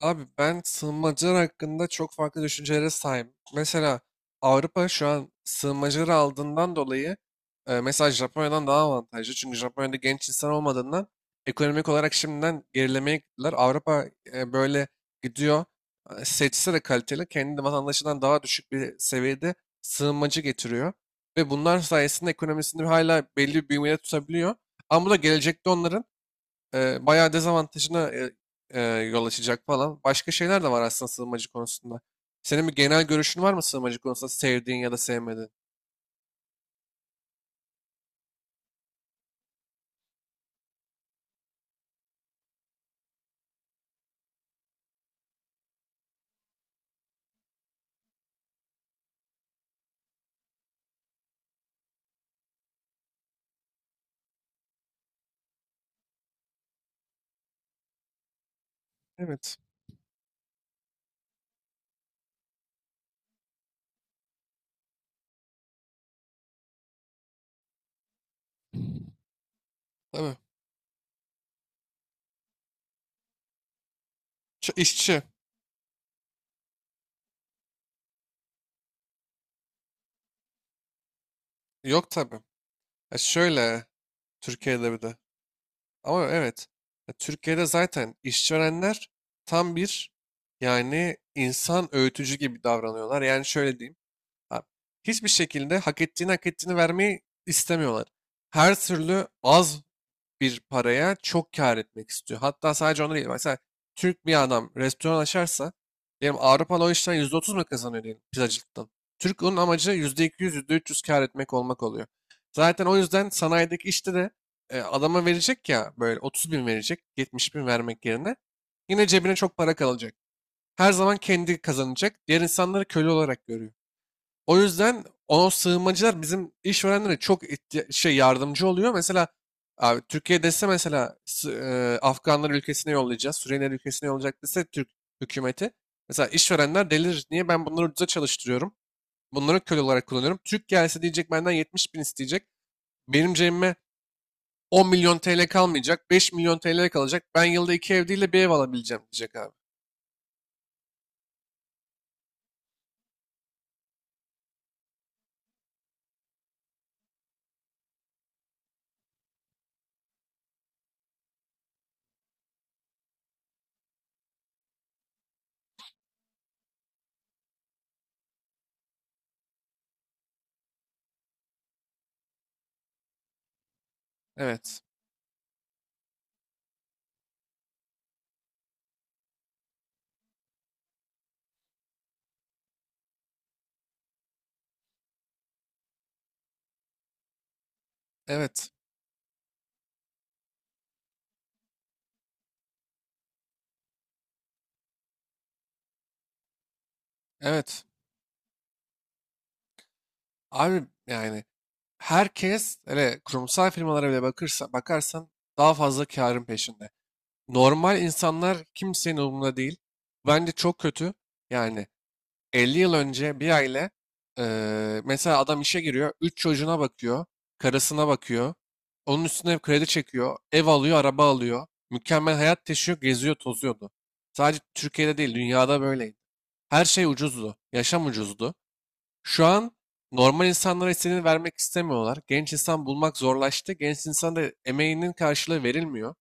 Abi ben sığınmacılar hakkında çok farklı düşüncelere sahibim. Mesela Avrupa şu an sığınmacıları aldığından dolayı mesela Japonya'dan daha avantajlı. Çünkü Japonya'da genç insan olmadığından ekonomik olarak şimdiden gerilemeye gittiler. Avrupa böyle gidiyor. Seçse de kaliteli kendi vatandaşından daha düşük bir seviyede sığınmacı getiriyor. Ve bunlar sayesinde ekonomisini hala belli bir büyümeye tutabiliyor. Ama bu da gelecekte onların bayağı dezavantajına yol açacak falan. Başka şeyler de var aslında sığınmacı konusunda. Senin bir genel görüşün var mı sığınmacı konusunda sevdiğin ya da sevmediğin? Evet, tabii. İşçi. Yok tabii. Ya şöyle Türkiye'de bir de. Ama evet. Ya Türkiye'de zaten işverenler tam bir yani insan öğütücü gibi davranıyorlar. Yani şöyle diyeyim. ha, Hiçbir şekilde hak ettiğini vermeyi istemiyorlar. Her türlü az bir paraya çok kâr etmek istiyor. Hatta sadece onu değil. Mesela Türk bir adam restoran açarsa diyelim Avrupalı o işten %30 mu kazanıyor diyelim pizzacılıktan. Türk onun amacı yüzde iki, %300 kâr etmek olmak oluyor. Zaten o yüzden sanayideki işte de adama verecek ya böyle 30.000 verecek 70.000 vermek yerine yine cebine çok para kalacak. Her zaman kendi kazanacak. Diğer insanları köle olarak görüyor. O yüzden o sığınmacılar bizim işverenlere çok yardımcı oluyor. Mesela abi Türkiye dese mesela Afganlar ülkesine yollayacağız, Suriyeliler ülkesine yollayacak dese Türk hükümeti. Mesela işverenler delir. Niye ben bunları ucuza çalıştırıyorum? Bunları köle olarak kullanıyorum. Türk gelse diyecek benden 70 bin isteyecek. Benim cebime 10 milyon TL kalmayacak. 5 milyon TL kalacak. Ben yılda iki ev değil de bir ev alabileceğim diyecek abi. Evet. Evet. Evet. Abi yani herkes hele kurumsal firmalara bile bakarsan daha fazla karın peşinde. Normal insanlar kimsenin umurunda değil. Bence çok kötü. Yani 50 yıl önce bir aile mesela adam işe giriyor, 3 çocuğuna bakıyor, karısına bakıyor. Onun üstüne kredi çekiyor, ev alıyor, araba alıyor. Mükemmel hayat yaşıyor, geziyor, tozuyordu. Sadece Türkiye'de değil, dünyada böyleydi. Her şey ucuzdu, yaşam ucuzdu. Şu an normal insanlara istediğini vermek istemiyorlar. Genç insan bulmak zorlaştı. Genç insan da emeğinin karşılığı verilmiyor.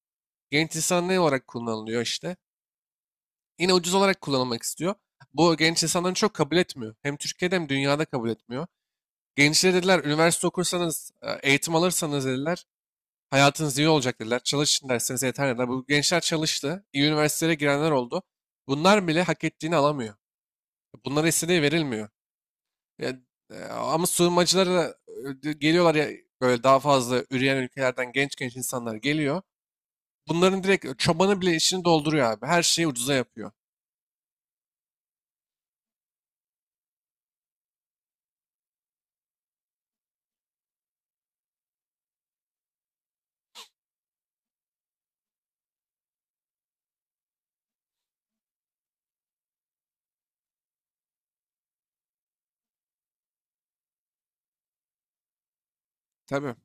Genç insan ne olarak kullanılıyor işte? Yine ucuz olarak kullanılmak istiyor. Bu genç insanların çok kabul etmiyor. Hem Türkiye'de hem dünyada kabul etmiyor. Gençlere dediler üniversite okursanız, eğitim alırsanız dediler hayatınız iyi olacak dediler. Çalışın derseniz yeter dediler. Bu gençler çalıştı. İyi üniversitelere girenler oldu. Bunlar bile hak ettiğini alamıyor. Bunlara istediği verilmiyor. Ya, ama sığınmacılar da, geliyorlar ya böyle daha fazla üreyen ülkelerden genç genç insanlar geliyor. Bunların direkt çobanı bile işini dolduruyor abi. Her şeyi ucuza yapıyor. Tabii.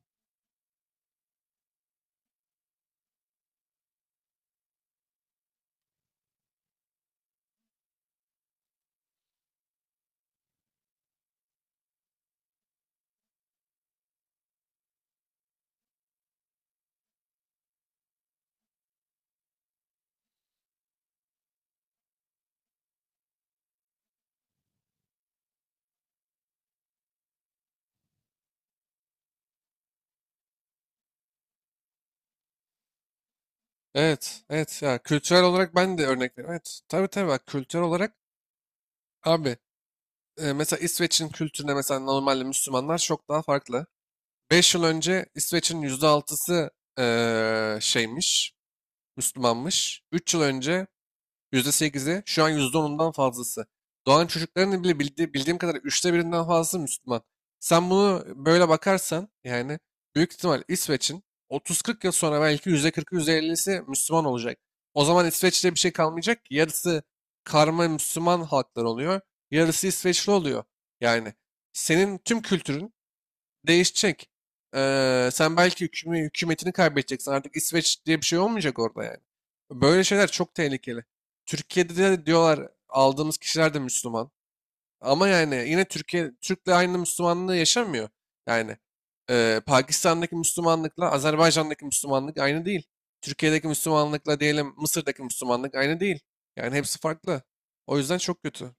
Evet, evet ya kültürel olarak ben de örnek veriyorum. Evet, tabii tabii bak kültürel olarak abi mesela İsveç'in kültürüne mesela normalde Müslümanlar çok daha farklı. 5 yıl önce İsveç'in %6'sı şeymiş, Müslümanmış. 3 yıl önce %8'i, şu an %10'undan fazlası. Doğan çocukların bile bildiğim kadarıyla üçte birinden fazlası Müslüman. Sen bunu böyle bakarsan yani büyük ihtimal İsveç'in 30-40 yıl sonra belki %40'ı %50'si Müslüman olacak. O zaman İsveç'te bir şey kalmayacak ki yarısı karma Müslüman halklar oluyor, yarısı İsveçli oluyor. Yani senin tüm kültürün değişecek. Sen belki hükümetini kaybedeceksin. Artık İsveç diye bir şey olmayacak orada yani. Böyle şeyler çok tehlikeli. Türkiye'de de diyorlar aldığımız kişiler de Müslüman. Ama yani yine Türkiye Türk'le aynı Müslümanlığı yaşamıyor. Yani Pakistan'daki Müslümanlıkla Azerbaycan'daki Müslümanlık aynı değil. Türkiye'deki Müslümanlıkla diyelim Mısır'daki Müslümanlık aynı değil. Yani hepsi farklı. O yüzden çok kötü.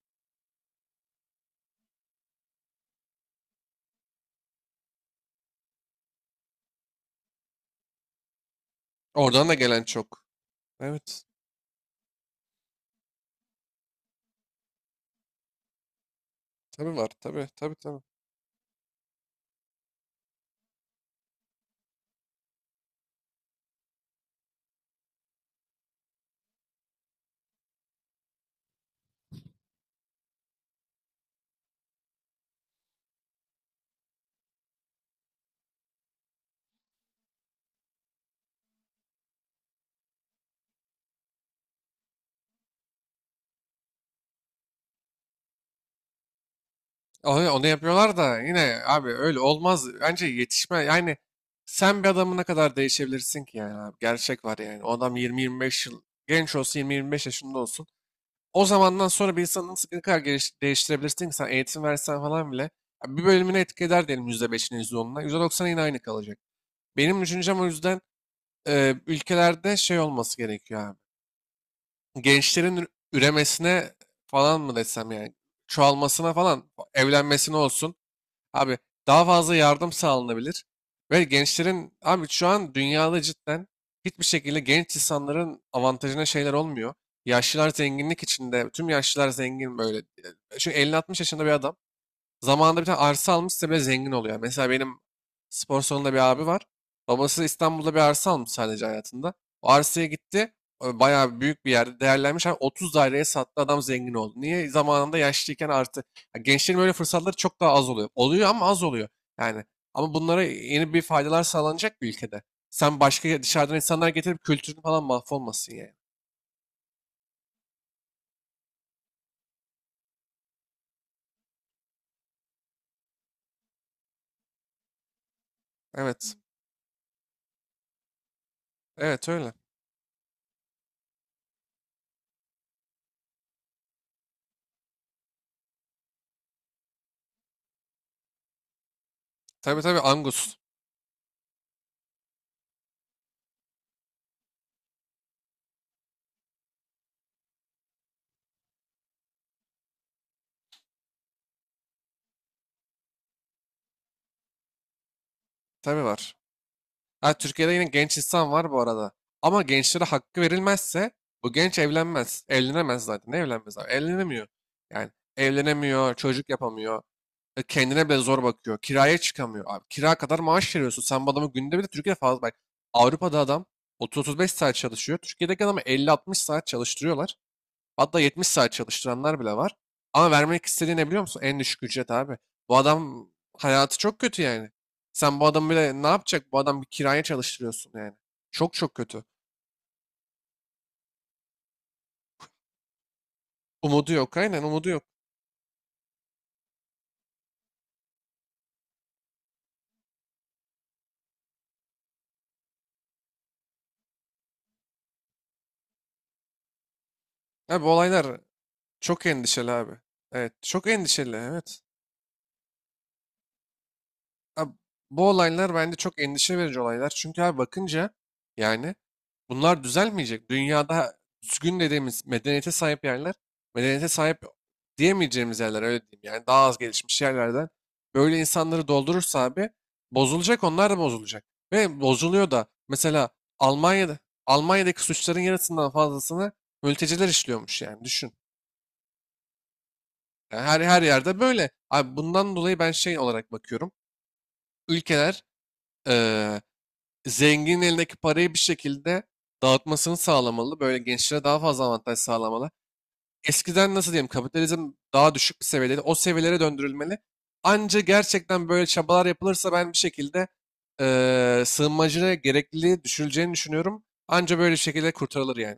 Oradan da gelen çok. Evet. Tabii var. Tabii tabii tabii. Onu yapıyorlar da yine abi öyle olmaz. Bence yetişme yani sen bir adamı ne kadar değişebilirsin ki yani abi. Gerçek var yani. O adam 20-25 yıl genç olsun 20-25 yaşında olsun. O zamandan sonra bir insanı nasıl ne kadar değiştirebilirsin ki sen eğitim versen falan bile. Ya bir bölümünü etki eder diyelim %5'ine %10'una. %90'a yine aynı kalacak. Benim düşüncem o yüzden ülkelerde şey olması gerekiyor abi. Gençlerin üremesine falan mı desem yani çoğalmasına falan evlenmesine olsun abi daha fazla yardım sağlanabilir. Ve gençlerin abi şu an dünyada cidden hiçbir şekilde genç insanların avantajına şeyler olmuyor. Yaşlılar zenginlik içinde. Tüm yaşlılar zengin böyle. Çünkü 50-60 yaşında bir adam zamanında bir tane arsa almışsa bile zengin oluyor. Yani mesela benim spor salonunda bir abi var. Babası İstanbul'da bir arsa almış sadece hayatında. O arsaya gitti. Bayağı büyük bir yerde değerlenmiş. Abi 30 daireye sattı adam zengin oldu. Niye? Zamanında yaşlıyken artı. Ya gençlerin böyle fırsatları çok daha az oluyor. Oluyor ama az oluyor. Yani ama bunlara yeni bir faydalar sağlanacak bir ülkede. Sen başka dışarıdan insanlar getirip kültürün falan mahvolmasın yani. Evet. Evet öyle. Tabii tabii Angus. Tabii var. Ha, Türkiye'de yine genç insan var bu arada. Ama gençlere hakkı verilmezse bu genç evlenmez. Evlenemez zaten. Ne evlenmez abi? Evlenemiyor. Yani evlenemiyor, çocuk yapamıyor. Kendine bile zor bakıyor. Kiraya çıkamıyor. Abi, kira kadar maaş veriyorsun. Sen bu adamı günde bile Türkiye'de fazla bak. Avrupa'da adam 30-35 saat çalışıyor. Türkiye'deki adamı 50-60 saat çalıştırıyorlar. Hatta 70 saat çalıştıranlar bile var. Ama vermek istediği ne biliyor musun? En düşük ücret abi. Bu adam hayatı çok kötü yani. Sen bu adamı bile ne yapacak? Bu adam bir kiraya çalıştırıyorsun yani. Çok çok kötü. Umudu yok aynen umudu yok. Abi bu olaylar çok endişeli abi. Evet çok endişeli evet. Abi, bu olaylar bence çok endişe verici olaylar. Çünkü abi bakınca yani bunlar düzelmeyecek. Dünyada düzgün dediğimiz medeniyete sahip yerler, medeniyete sahip diyemeyeceğimiz yerler öyle diyeyim. Yani daha az gelişmiş yerlerden böyle insanları doldurursa abi bozulacak onlar da bozulacak. Ve bozuluyor da mesela Almanya'da Almanya'daki suçların yarısından fazlasını mülteciler işliyormuş yani düşün. Yani her yerde böyle. Abi bundan dolayı ben şey olarak bakıyorum. Ülkeler eee, zenginin elindeki parayı bir şekilde dağıtmasını sağlamalı. Böyle gençlere daha fazla avantaj sağlamalı. Eskiden nasıl diyeyim kapitalizm daha düşük bir seviyedeydi. O seviyelere döndürülmeli. Anca gerçekten böyle çabalar yapılırsa ben bir şekilde sığınmacıya gerekliliği düşürüleceğini düşünüyorum. Anca böyle şekilde kurtarılır yani.